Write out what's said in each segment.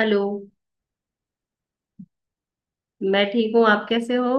Hello. मैं ठीक हूँ, आप कैसे हो?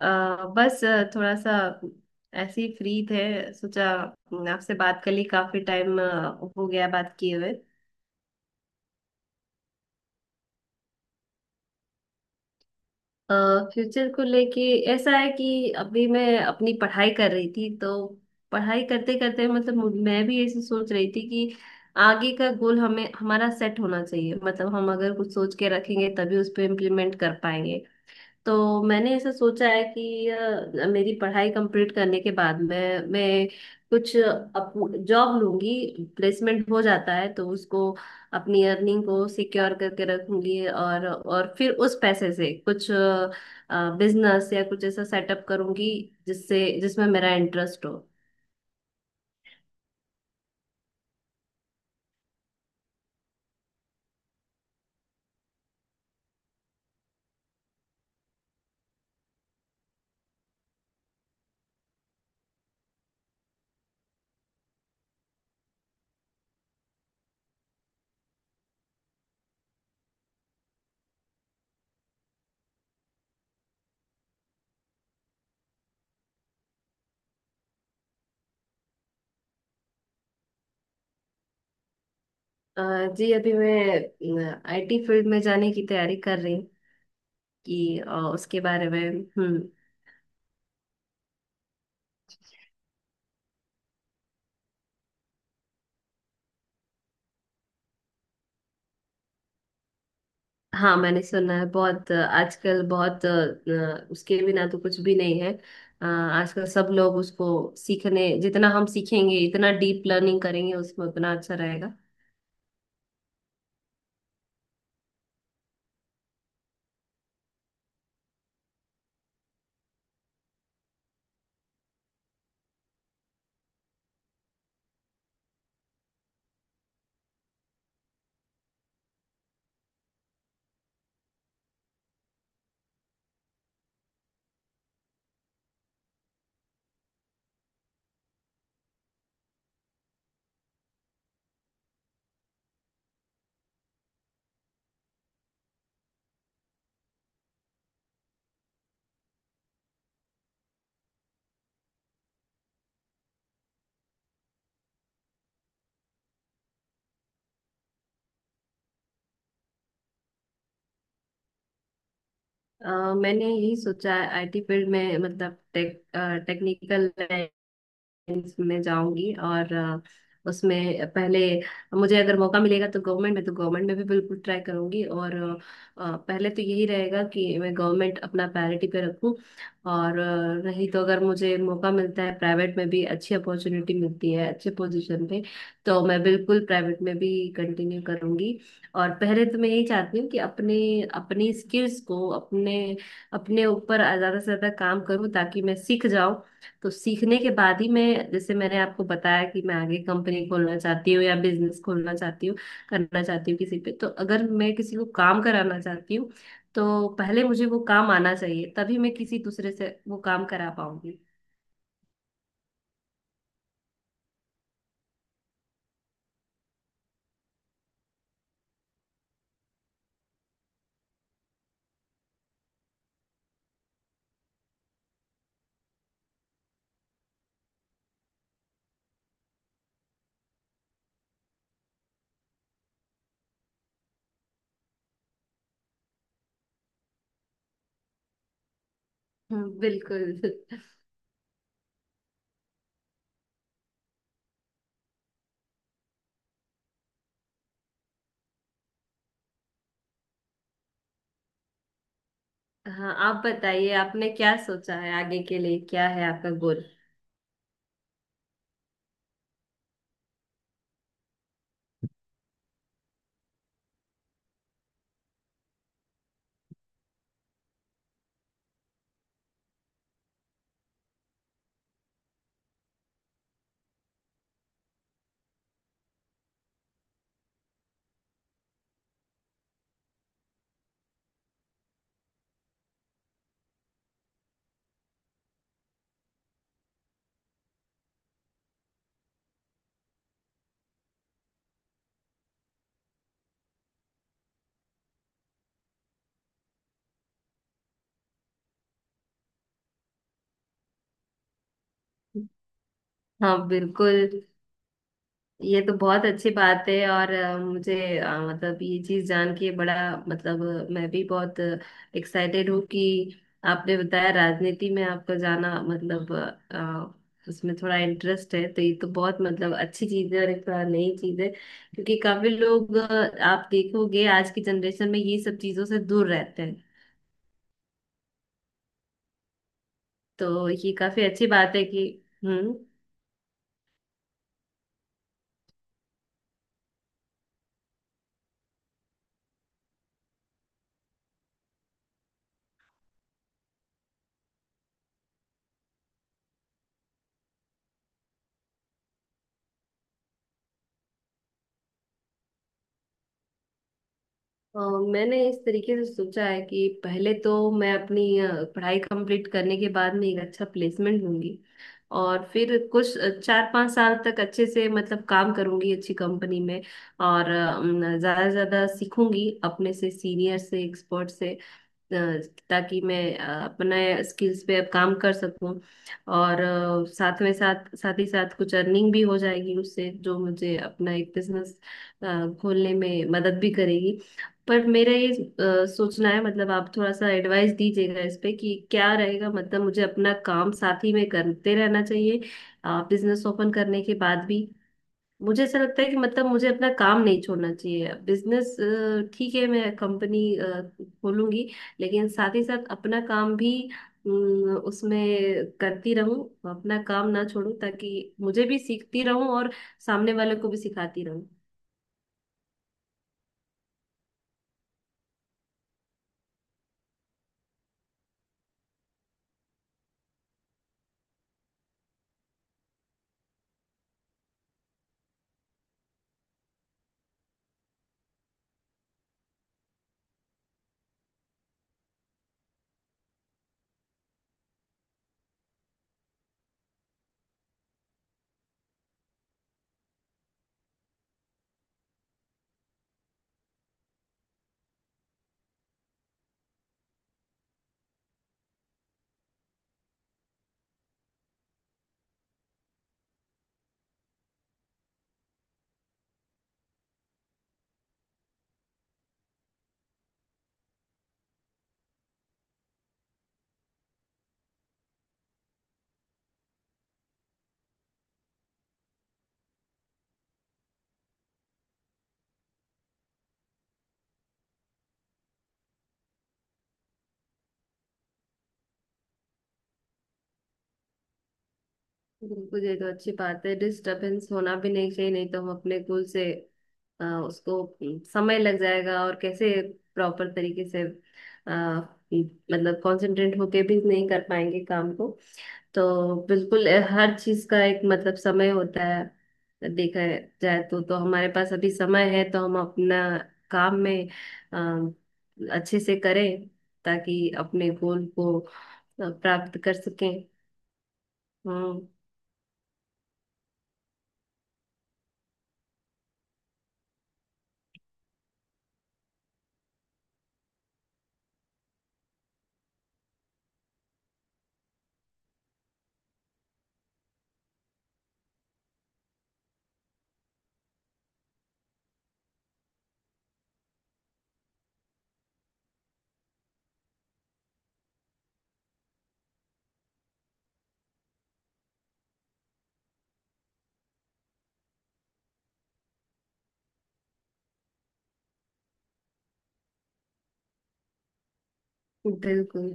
अ, बस थोड़ा सा ऐसे ही फ्री थे, सोचा आपसे बात कर ली, काफी टाइम हो गया बात किए हुए। फ्यूचर को लेके ऐसा है कि अभी मैं अपनी पढ़ाई कर रही थी, तो पढ़ाई करते करते मतलब मैं भी ऐसे सोच रही थी कि आगे का गोल हमें हमारा सेट होना चाहिए। मतलब हम अगर कुछ सोच के रखेंगे तभी उस पर इम्प्लीमेंट कर पाएंगे। तो मैंने ऐसा सोचा है कि मेरी पढ़ाई कंप्लीट करने के बाद मैं कुछ अप जॉब लूंगी। प्लेसमेंट हो जाता है तो उसको अपनी अर्निंग को सिक्योर करके रखूंगी, और फिर उस पैसे से कुछ बिजनेस या कुछ ऐसा सेटअप करूंगी जिससे जिसमें मेरा इंटरेस्ट हो। अ, जी, अभी मैं आईटी फील्ड में जाने की तैयारी कर रही हूँ कि उसके बारे में। हम्म। हाँ, मैंने सुना है बहुत आजकल बहुत उसके बिना तो कुछ भी नहीं है। आजकल सब लोग उसको सीखने, जितना हम सीखेंगे इतना डीप लर्निंग करेंगे उसमें उतना अच्छा रहेगा। मैंने यही सोचा है आईटी फील्ड में, मतलब टेक टेक्निकल लाइन्स में जाऊंगी, और उसमें पहले मुझे अगर मौका मिलेगा तो गवर्नमेंट में, तो गवर्नमेंट में भी बिल्कुल ट्राई करूंगी। और पहले तो यही रहेगा कि मैं गवर्नमेंट अपना प्रायोरिटी पे रखूं, और नहीं तो अगर मुझे मौका मिलता है, प्राइवेट में भी अच्छी अपॉर्चुनिटी मिलती है अच्छे पोजीशन पे तो मैं बिल्कुल प्राइवेट में भी कंटिन्यू करूंगी। और पहले तो मैं यही चाहती हूँ कि अपने अपनी स्किल्स को अपने अपने ऊपर ज्यादा से ज्यादा काम करूँ ताकि मैं सीख जाऊं। तो सीखने के बाद ही मैं, जैसे मैंने आपको बताया कि मैं आगे कंपनी खोलना चाहती हूँ या बिजनेस खोलना चाहती हूँ, करना चाहती हूँ किसी पे, तो अगर मैं किसी को काम कराना चाहती हूँ तो पहले मुझे वो काम आना चाहिए तभी मैं किसी दूसरे से वो काम करा पाऊंगी। बिल्कुल। हाँ, आप बताइए आपने क्या सोचा है आगे के लिए, क्या है आपका गोल। हाँ बिल्कुल, ये तो बहुत अच्छी बात है। और मुझे मतलब ये चीज जान के बड़ा मतलब मैं भी बहुत एक्साइटेड हूँ कि आपने बताया राजनीति में आपका जाना, मतलब उसमें थोड़ा इंटरेस्ट है तो ये तो बहुत मतलब अच्छी चीज है और एक थोड़ा नई चीज है। क्योंकि काफी लोग आप देखोगे आज की जनरेशन में ये सब चीजों से दूर रहते हैं। तो ये काफी अच्छी बात है कि। हम्म। अ, मैंने इस तरीके से सोचा है कि पहले तो मैं अपनी पढ़ाई कंप्लीट करने के बाद में एक अच्छा प्लेसमेंट लूंगी। और फिर कुछ चार पांच साल तक अच्छे से मतलब काम करूंगी अच्छी कंपनी में। और अ, न, ज्यादा से ज्यादा सीखूंगी अपने से सीनियर से, एक्सपर्ट से, अ, ताकि मैं अपने स्किल्स पे अब काम कर सकूं। और साथ में साथ साथ ही साथ कुछ अर्निंग भी हो जाएगी उससे, जो मुझे अपना एक बिजनेस खोलने में मदद भी करेगी। पर मेरा ये सोचना है, मतलब आप थोड़ा सा एडवाइस दीजिएगा इस पे कि क्या रहेगा। मतलब मुझे अपना काम साथ ही में करते रहना चाहिए बिजनेस ओपन करने के बाद भी। मुझे ऐसा लगता है कि मतलब मुझे अपना काम नहीं छोड़ना चाहिए। बिजनेस ठीक है, मैं कंपनी खोलूंगी लेकिन साथ ही साथ अपना काम भी उसमें करती रहूं, अपना काम ना छोड़ूं, ताकि मुझे भी सीखती रहूं और सामने वाले को भी सिखाती रहूं। बिल्कुल, ये तो अच्छी बात है। डिस्टरबेंस होना भी नहीं चाहिए नहीं तो हम अपने गोल से उसको समय लग जाएगा, और कैसे प्रॉपर तरीके से, अ, मतलब कंसंट्रेट होके भी नहीं कर पाएंगे काम को। तो बिल्कुल हर चीज का एक मतलब समय होता है। देखा जाए तो हमारे पास अभी समय है तो हम अपना काम में अ, अच्छे से करें ताकि अपने गोल को प्राप्त कर सकें। हम्म, बिल्कुल।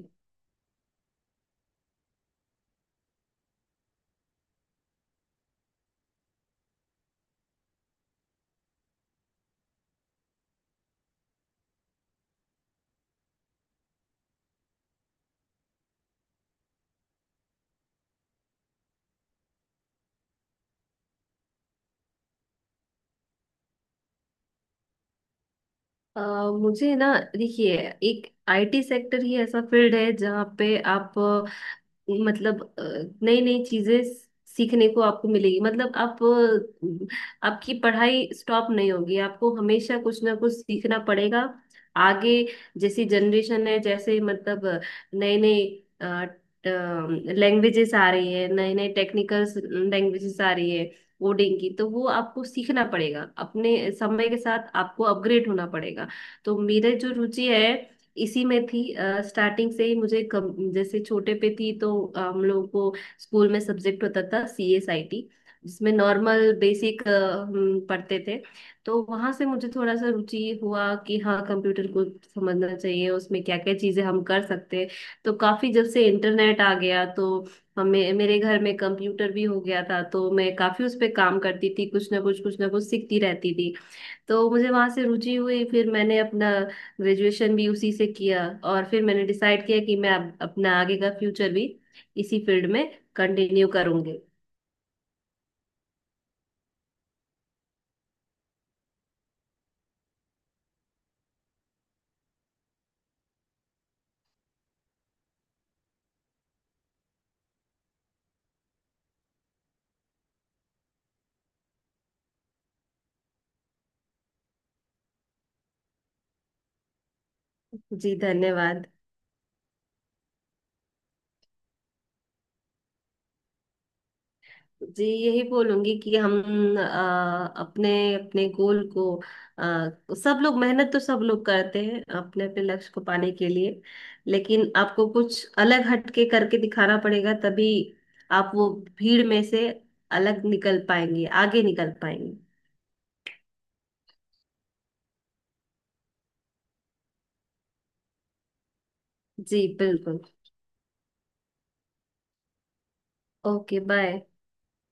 अ, मुझे ना, देखिए, एक आईटी सेक्टर ही ऐसा फील्ड है जहाँ पे आप मतलब नई नई चीजें सीखने को आपको मिलेगी, मतलब आप आपकी पढ़ाई स्टॉप नहीं होगी, आपको हमेशा कुछ ना कुछ सीखना पड़ेगा आगे। जैसी जनरेशन है, जैसे मतलब नए नए लैंग्वेजेस आ रही है, नए नए टेक्निकल लैंग्वेजेस आ रही है कोडिंग की, तो वो आपको सीखना पड़ेगा, अपने समय के साथ आपको अपग्रेड होना पड़ेगा। तो मेरे जो रुचि है इसी में थी। स्टार्टिंग से ही मुझे जैसे छोटे पे थी तो हम लोगों को स्कूल में सब्जेक्ट होता था CSIT, जिसमें नॉर्मल बेसिक हम पढ़ते थे। तो वहां से मुझे थोड़ा सा रुचि हुआ कि हाँ, कंप्यूटर को समझना चाहिए, उसमें क्या क्या चीजें हम कर सकते हैं। तो काफी, जब से इंटरनेट आ गया तो हमें मेरे घर में कंप्यूटर भी हो गया था तो मैं काफी उस पे काम करती थी, कुछ ना कुछ सीखती रहती थी। तो मुझे वहां से रुचि हुई, फिर मैंने अपना ग्रेजुएशन भी उसी से किया। और फिर मैंने डिसाइड किया कि मैं अब अपना आगे का फ्यूचर भी इसी फील्ड में कंटिन्यू करूंगी। जी धन्यवाद। जी, यही बोलूंगी कि हम अपने अपने गोल को अ, सब लोग मेहनत तो सब लोग करते हैं अपने अपने लक्ष्य को पाने के लिए, लेकिन आपको कुछ अलग हटके करके दिखाना पड़ेगा तभी आप वो भीड़ में से अलग निकल पाएंगे, आगे निकल पाएंगे। जी बिल्कुल। Okay, bye.